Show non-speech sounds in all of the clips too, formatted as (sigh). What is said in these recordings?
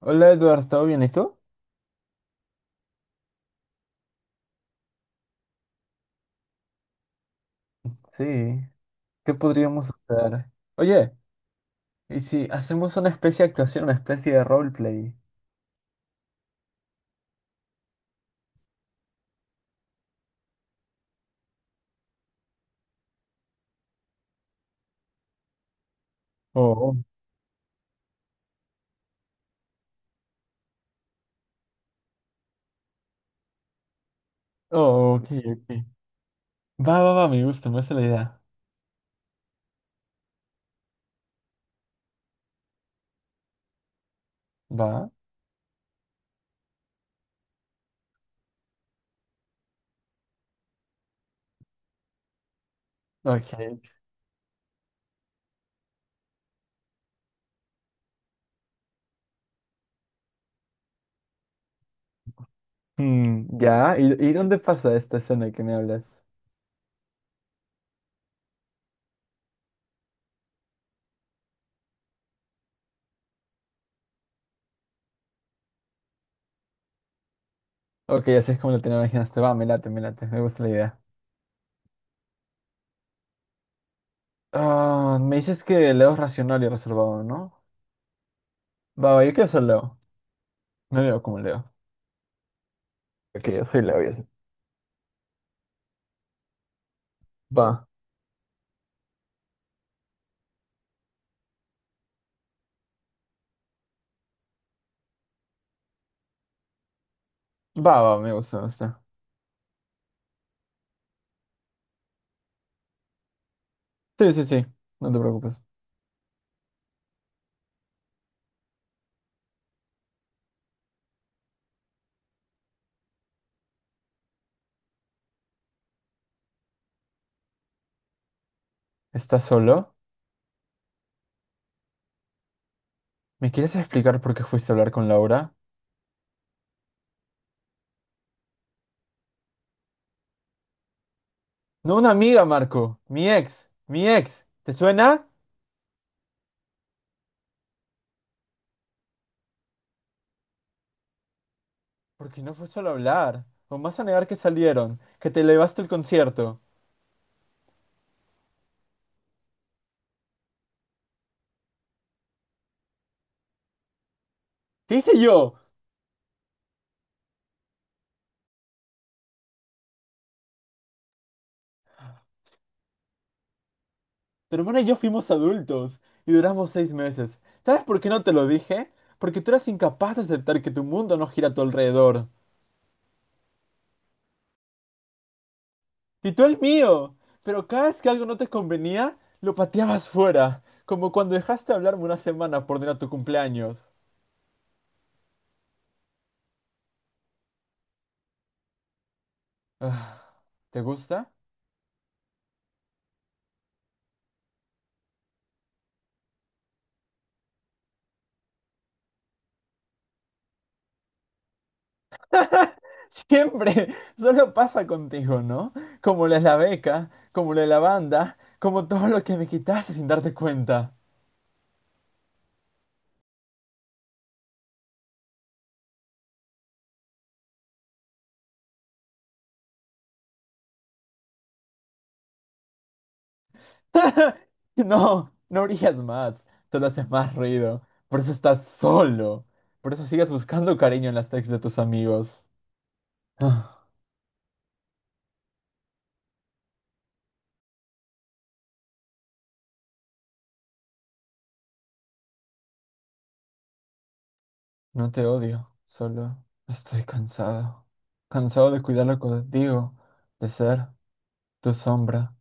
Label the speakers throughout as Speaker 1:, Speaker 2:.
Speaker 1: Hola Eduardo, ¿todo bien? ¿Y tú? Sí, ¿qué podríamos hacer? Oye, ¿y si hacemos una especie de actuación, una especie de roleplay? Oh, oh, ok, ok. Va, va, va, me gusta la idea. Va, ok. Mm, ya, ¿Y dónde pasa esta escena que me hablas? Ok, así es como lo tenía imaginaste. Va, me late, me late, me gusta la idea. Ah, me dices que Leo es racional y reservado, ¿no? Va, va, yo quiero ser Leo. Me veo como Leo. Ok, yo soy Leo, y eso. Va. Va, va, me gusta, me gusta. Sí, sí, sí, no te preocupes. ¿Estás solo? ¿Me quieres explicar por qué fuiste a hablar con Laura? No, una amiga, Marco. Mi ex. Mi ex. ¿Te suena? Porque no fue solo hablar. O vas a negar que salieron, que te elevaste el concierto. ¿Qué hice yo? Tu hermana y yo fuimos adultos y duramos 6 meses. ¿Sabes por qué no te lo dije? Porque tú eras incapaz de aceptar que tu mundo no gira a tu alrededor. Y tú el mío. Pero cada vez que algo no te convenía, lo pateabas fuera. Como cuando dejaste de hablarme una semana por no ir a tu cumpleaños. Ah, ¿Te gusta? Siempre. (laughs) Solo pasa contigo, ¿no? Como la de la beca, como la de la banda, como todo lo que me quitaste sin darte cuenta. (laughs) No, no brillas más. Solo haces más ruido. Por eso estás solo. Por eso sigues buscando cariño en las texts de tus amigos. (sighs) No te odio, solo estoy cansado. Cansado de cuidarlo contigo, de ser tu sombra.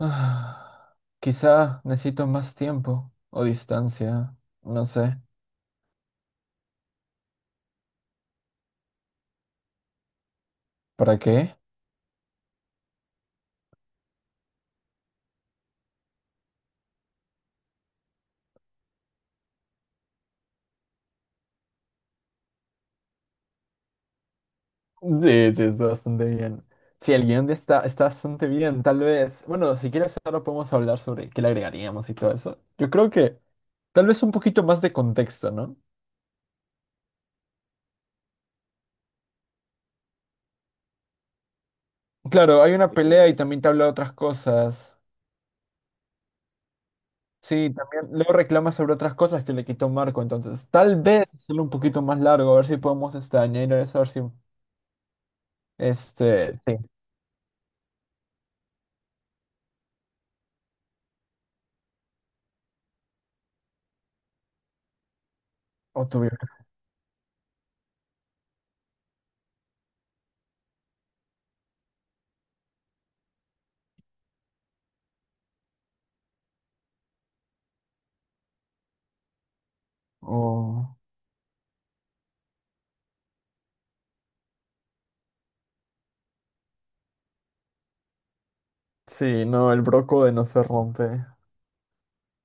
Speaker 1: Ah, quizá necesito más tiempo o distancia, no sé. ¿Para qué? Sí, sí, está bastante bien. Sí, el guión de está, está bastante bien, tal vez. Bueno, si quieres ahora podemos hablar sobre qué le agregaríamos y todo eso. Yo creo que tal vez un poquito más de contexto, ¿no? Claro, hay una pelea y también te habla de otras cosas. Sí, también luego reclama sobre otras cosas que le quitó Marco, entonces tal vez hacerlo un poquito más largo, a ver si podemos este, añadir eso, a ver si este, sí, o tuvieron, o... Sí, no, el broco de no se rompe.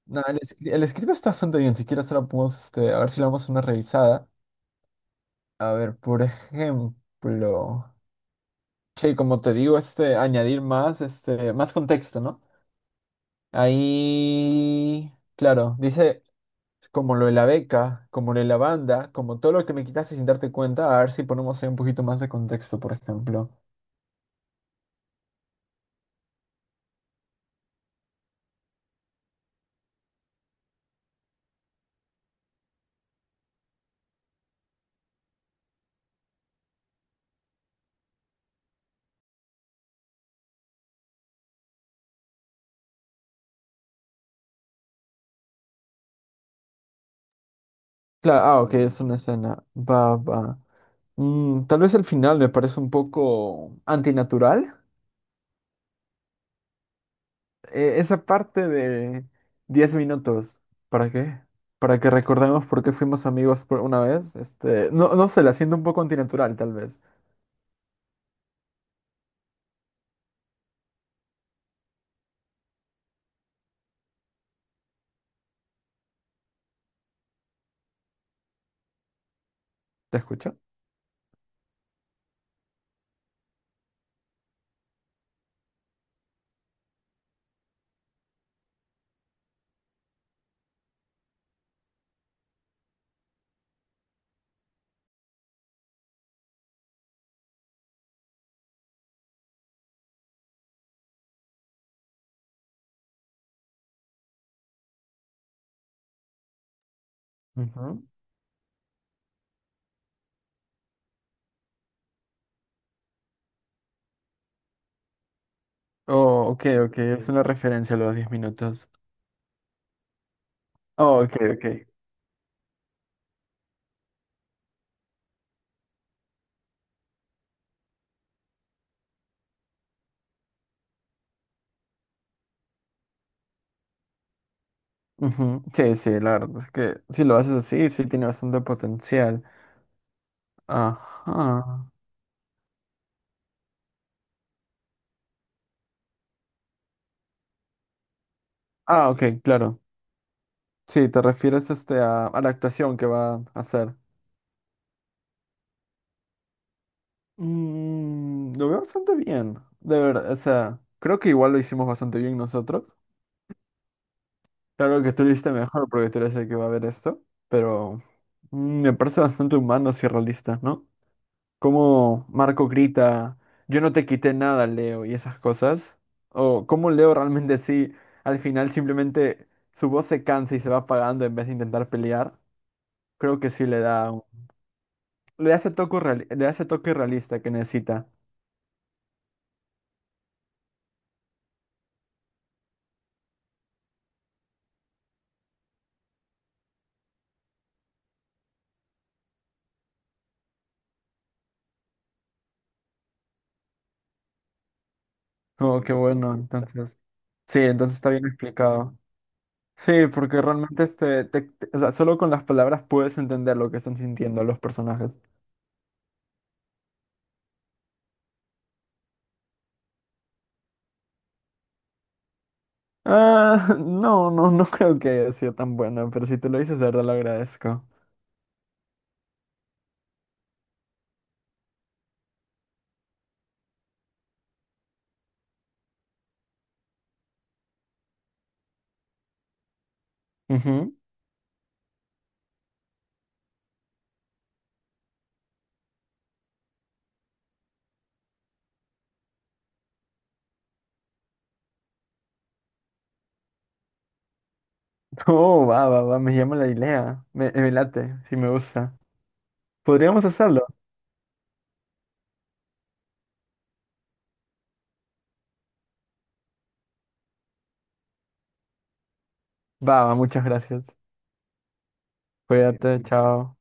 Speaker 1: No, el, el script está bastante bien, si quieres ahora podemos, este, a ver si le damos una revisada. A ver, por ejemplo, che, como te digo, este, añadir más, este, más contexto, ¿no? Ahí, claro, dice como lo de la beca, como lo de la banda, como todo lo que me quitaste sin darte cuenta, a ver si ponemos ahí un poquito más de contexto, por ejemplo. Claro, ah, ok, es una escena. Va, va. Mm, tal vez el final me parece un poco antinatural. Esa parte de 10 minutos, ¿para qué? Para que recordemos por qué fuimos amigos por una vez. Este, no, no sé, la siento un poco antinatural, tal vez. ¿Te escucho? Ujú. Oh, ok, ok, es una referencia a los 10 minutos. Oh, ok, ok. Ujú. Sí, sí, la verdad es que si lo haces así, sí tiene bastante potencial. Ajá. Ah, ok, claro. Sí, te refieres este a la actuación que va a hacer. Mm, lo veo bastante bien. De verdad, o sea, creo que igual lo hicimos bastante bien nosotros. Claro que tú lo hiciste mejor porque tú eres el que va a ver esto, pero mm, me parece bastante humano y realista, ¿no? Cómo Marco grita, yo no te quité nada, Leo, y esas cosas. O cómo Leo realmente sí, al final simplemente su voz se cansa y se va apagando en vez de intentar pelear. Creo que sí le da, le da ese toque le da ese toque realista que necesita. Oh, qué bueno, entonces. Sí, entonces está bien explicado. Sí, porque realmente este, o sea, solo con las palabras puedes entender lo que están sintiendo los personajes. Ah, (laughs) no, no, no creo que haya sido tan bueno, pero si te lo dices, de verdad lo agradezco. Ujú. (laughs) Oh, va, va, va, me llama la idea. Me late, si me gusta. Podríamos hacerlo. Va, va, muchas gracias. Cuídate, chao.